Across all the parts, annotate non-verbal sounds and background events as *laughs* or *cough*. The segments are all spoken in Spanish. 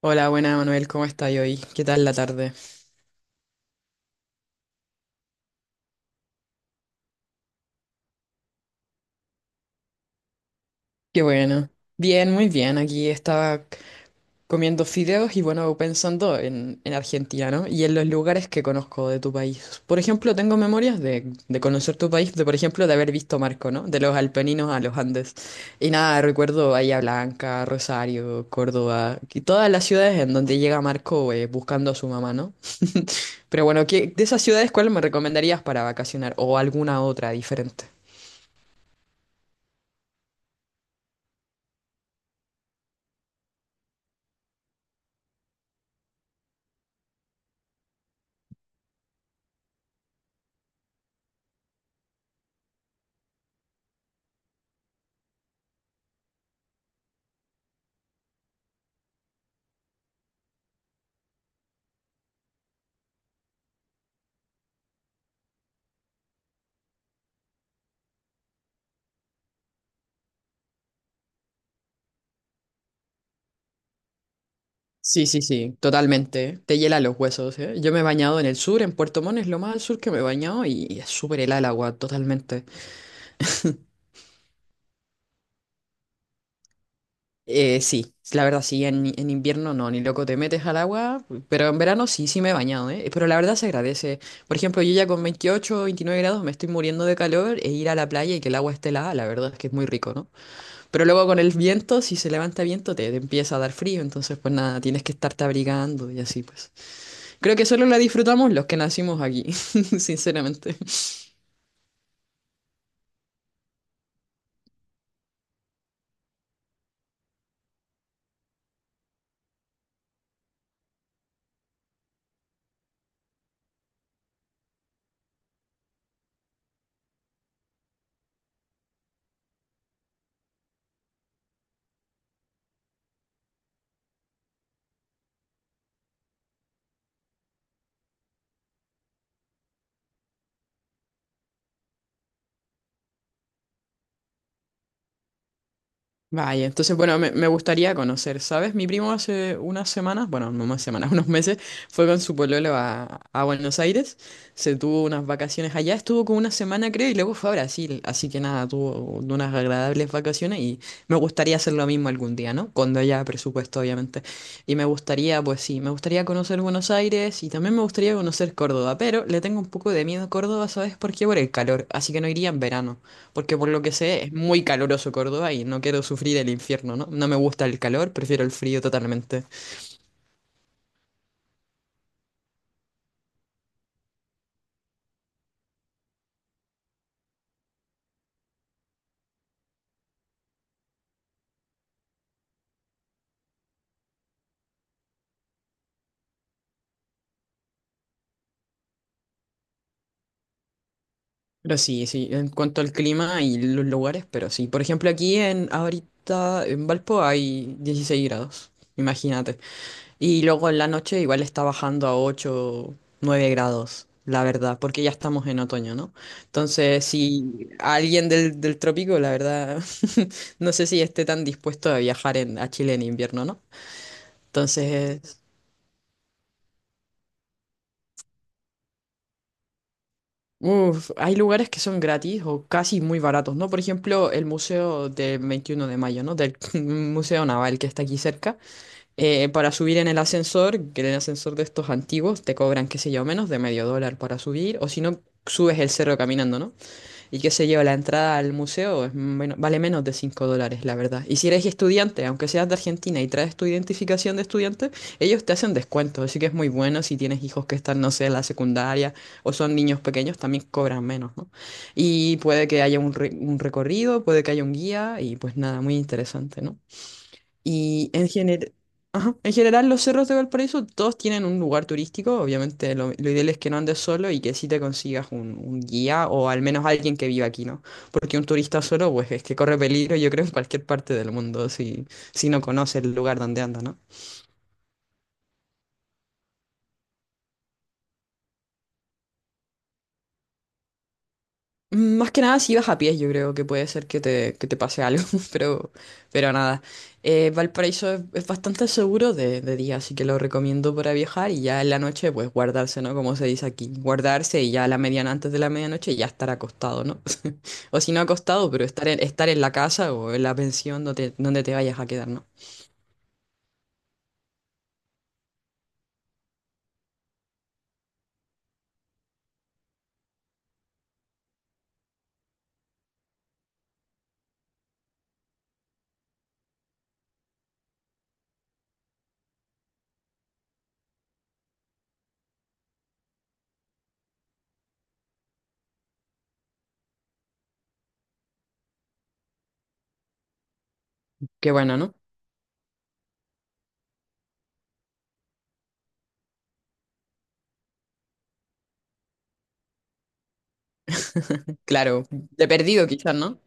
Hola, buena Manuel, ¿cómo estás hoy? ¿Qué tal la tarde? Qué bueno. Bien, muy bien. Aquí estaba comiendo fideos y bueno, pensando en Argentina, ¿no? Y en los lugares que conozco de tu país. Por ejemplo, tengo memorias de conocer tu país, de por ejemplo, de haber visto Marco, ¿no? De los Alpeninos a los Andes. Y nada, recuerdo Bahía Blanca, Rosario, Córdoba, y todas las ciudades en donde llega Marco buscando a su mamá, ¿no? *laughs* Pero bueno, ¿qué, de esas ciudades, cuál me recomendarías para vacacionar o alguna otra diferente? Sí, sí, sí, totalmente. Te hiela los huesos, ¿eh? Yo me he bañado en el sur, en Puerto Montt, es lo más al sur que me he bañado y es súper helada el agua, totalmente. Sí, la verdad, sí, en invierno no, ni loco te metes al agua, pero en verano sí, sí me he bañado, ¿eh? Pero la verdad se agradece. Por ejemplo, yo ya con 28, 29 grados me estoy muriendo de calor e ir a la playa y que el agua esté helada, la verdad es que es muy rico, ¿no? Pero luego con el viento, si se levanta viento, te empieza a dar frío, entonces pues nada, tienes que estarte abrigando y así pues. Creo que solo la disfrutamos los que nacimos aquí, *laughs* sinceramente. Vaya, entonces, bueno, me gustaría conocer, ¿sabes? Mi primo hace unas semanas, bueno, no más semanas, *laughs* unos meses, fue con su pololo a Buenos Aires, se tuvo unas vacaciones allá, estuvo como una semana creo y luego fue a Brasil, así que nada, tuvo unas agradables vacaciones y me gustaría hacer lo mismo algún día, ¿no? Cuando haya presupuesto, obviamente. Y me gustaría, pues sí, me gustaría conocer Buenos Aires y también me gustaría conocer Córdoba, pero le tengo un poco de miedo a Córdoba, ¿sabes? Porque ¿por qué? Por el calor, así que no iría en verano. Porque por lo que sé es muy caluroso Córdoba y no quiero sufrir el infierno, ¿no? No me gusta el calor, prefiero el frío totalmente. Pero sí, sí, en cuanto al clima y los lugares, pero sí. Por ejemplo, aquí en ahorita en Valpo hay 16 grados, imagínate. Y luego en la noche igual está bajando a 8 9 grados, la verdad, porque ya estamos en otoño, ¿no? Entonces, si alguien del trópico, la verdad, *laughs* no sé si esté tan dispuesto a viajar en, a Chile en invierno, ¿no? Entonces, uf, hay lugares que son gratis o casi muy baratos, ¿no? Por ejemplo, el Museo del 21 de Mayo, ¿no? Del *laughs* Museo Naval que está aquí cerca. Para subir en el ascensor, que en el ascensor de estos antiguos te cobran, qué sé yo, menos de medio dólar para subir, o si no, subes el cerro caminando, ¿no? Y qué sé yo, la entrada al museo es vale menos de $5, la verdad. Y si eres estudiante, aunque seas de Argentina y traes tu identificación de estudiante, ellos te hacen descuentos. Así que es muy bueno si tienes hijos que están, no sé, en la secundaria o son niños pequeños, también cobran menos, ¿no? Y puede que haya un, un recorrido, puede que haya un guía y pues nada, muy interesante, ¿no? Y en general los cerros de Valparaíso todos tienen un lugar turístico. Obviamente lo ideal es que no andes solo y que sí te consigas un guía o al menos alguien que viva aquí, ¿no? Porque un turista solo, pues es que corre peligro, yo creo, en cualquier parte del mundo si, si no conoce el lugar donde anda, ¿no? Mm, más que nada si ibas a pies, yo creo que puede ser que te pase algo, *laughs* pero, pero nada. Valparaíso es bastante seguro de día, así que lo recomiendo para viajar y ya en la noche, pues guardarse, ¿no? Como se dice aquí, guardarse y ya a la mediana, antes de la medianoche, ya estar acostado, ¿no? *laughs* O si no acostado, pero estar en la casa o en la pensión donde, donde te vayas a quedar, ¿no? Qué bueno, ¿no? *laughs* Claro, de perdido quizás, ¿no?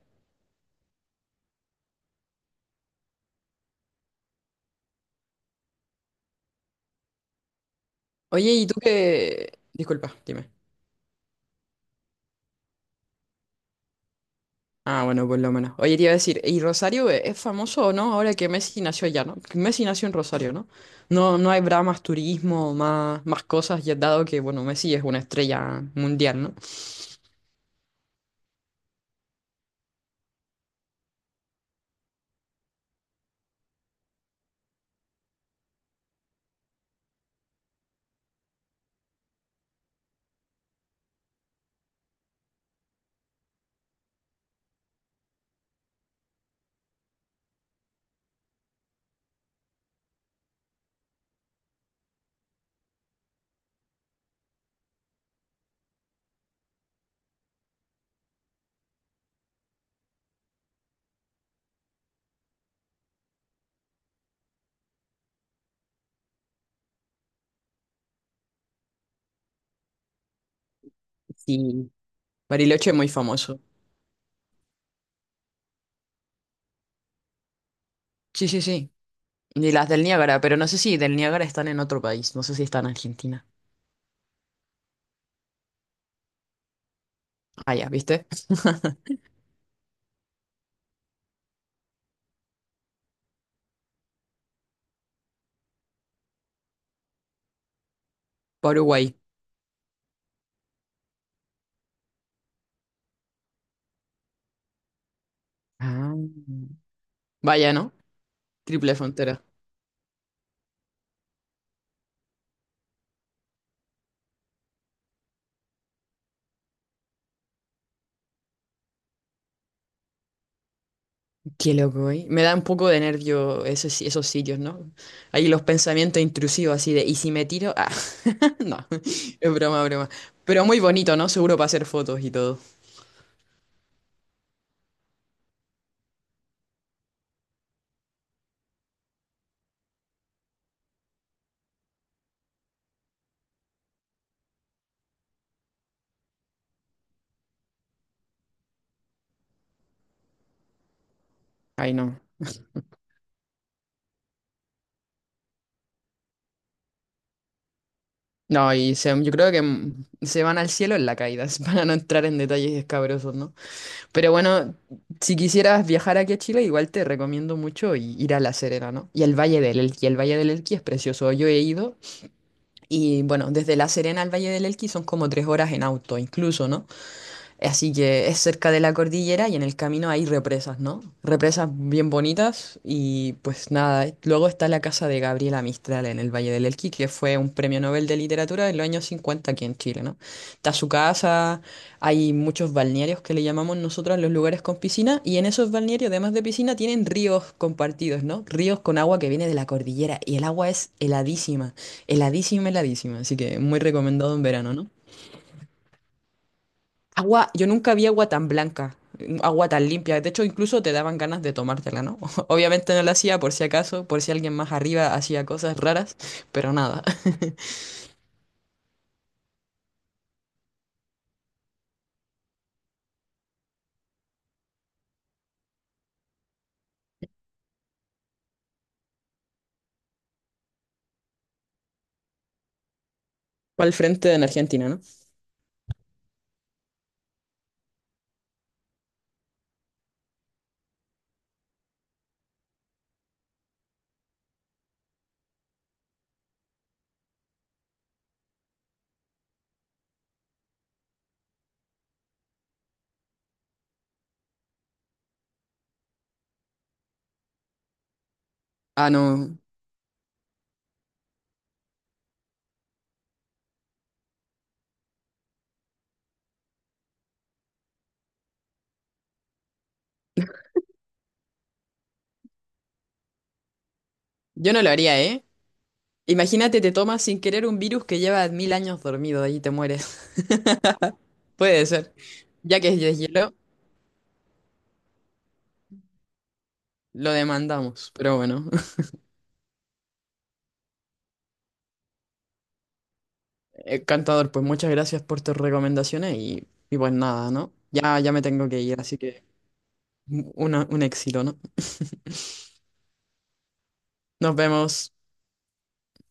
Oye, ¿y tú qué? Disculpa, dime. Ah, bueno, por lo menos. Oye, te iba a decir, ¿y Rosario es famoso o no? Ahora que Messi nació allá, ¿no? Que Messi nació en Rosario, ¿no? No, no habrá más turismo, más, más cosas, ya dado que, bueno, Messi es una estrella mundial, ¿no? Sí. Bariloche es muy famoso. Sí, sí, sí. Y las del Niágara, pero no sé si del Niágara están en otro país, no sé si están en Argentina. Ah, ya, ¿viste? Paraguay. Ah. Vaya, ¿no? Triple frontera. Qué loco, ¿eh? Me da un poco de nervio esos, esos sitios, ¿no? Ahí los pensamientos intrusivos así de, ¿y si me tiro? Ah, *laughs* no, *laughs* es broma, broma. Pero muy bonito, ¿no? Seguro para hacer fotos y todo. Ay, no. No, y yo creo que mm, se van al cielo en la caída, *laughs* para no entrar en detalles escabrosos, ¿no? Pero bueno, si quisieras viajar aquí a Chile, igual te recomiendo mucho ir a La Serena, ¿no? Y al Valle del Elqui. El Valle del Elqui es precioso. Yo he ido y bueno, desde La Serena al Valle del Elqui son como 3 horas en auto, incluso, ¿no? Así que es cerca de la cordillera y en el camino hay represas, ¿no? Represas bien bonitas y pues nada, luego está la casa de Gabriela Mistral en el Valle del Elqui, que fue un premio Nobel de Literatura en los años 50 aquí en Chile, ¿no? Está su casa, hay muchos balnearios que le llamamos nosotros los lugares con piscina y en esos balnearios, además de piscina, tienen ríos compartidos, ¿no? Ríos con agua que viene de la cordillera y el agua es heladísima, heladísima, heladísima, así que muy recomendado en verano, ¿no? Agua, yo nunca vi agua tan blanca, mm, agua tan limpia. De hecho, incluso te daban ganas de tomártela, ¿no? *laughs* Obviamente no la hacía por si acaso, por si alguien más arriba hacía cosas raras, pero nada. *laughs* Fue al frente en Argentina, ¿no? Ah, no. Yo no lo haría, ¿eh? Imagínate, te tomas sin querer un virus que lleva 1000 años dormido y te mueres. *laughs* Puede ser. Ya que es deshielo, lo demandamos. Pero bueno, *laughs* eh, cantador, pues muchas gracias por tus recomendaciones y pues nada, ¿no? Ya, ya me tengo que ir, así que un éxito, ¿no? Nos vemos.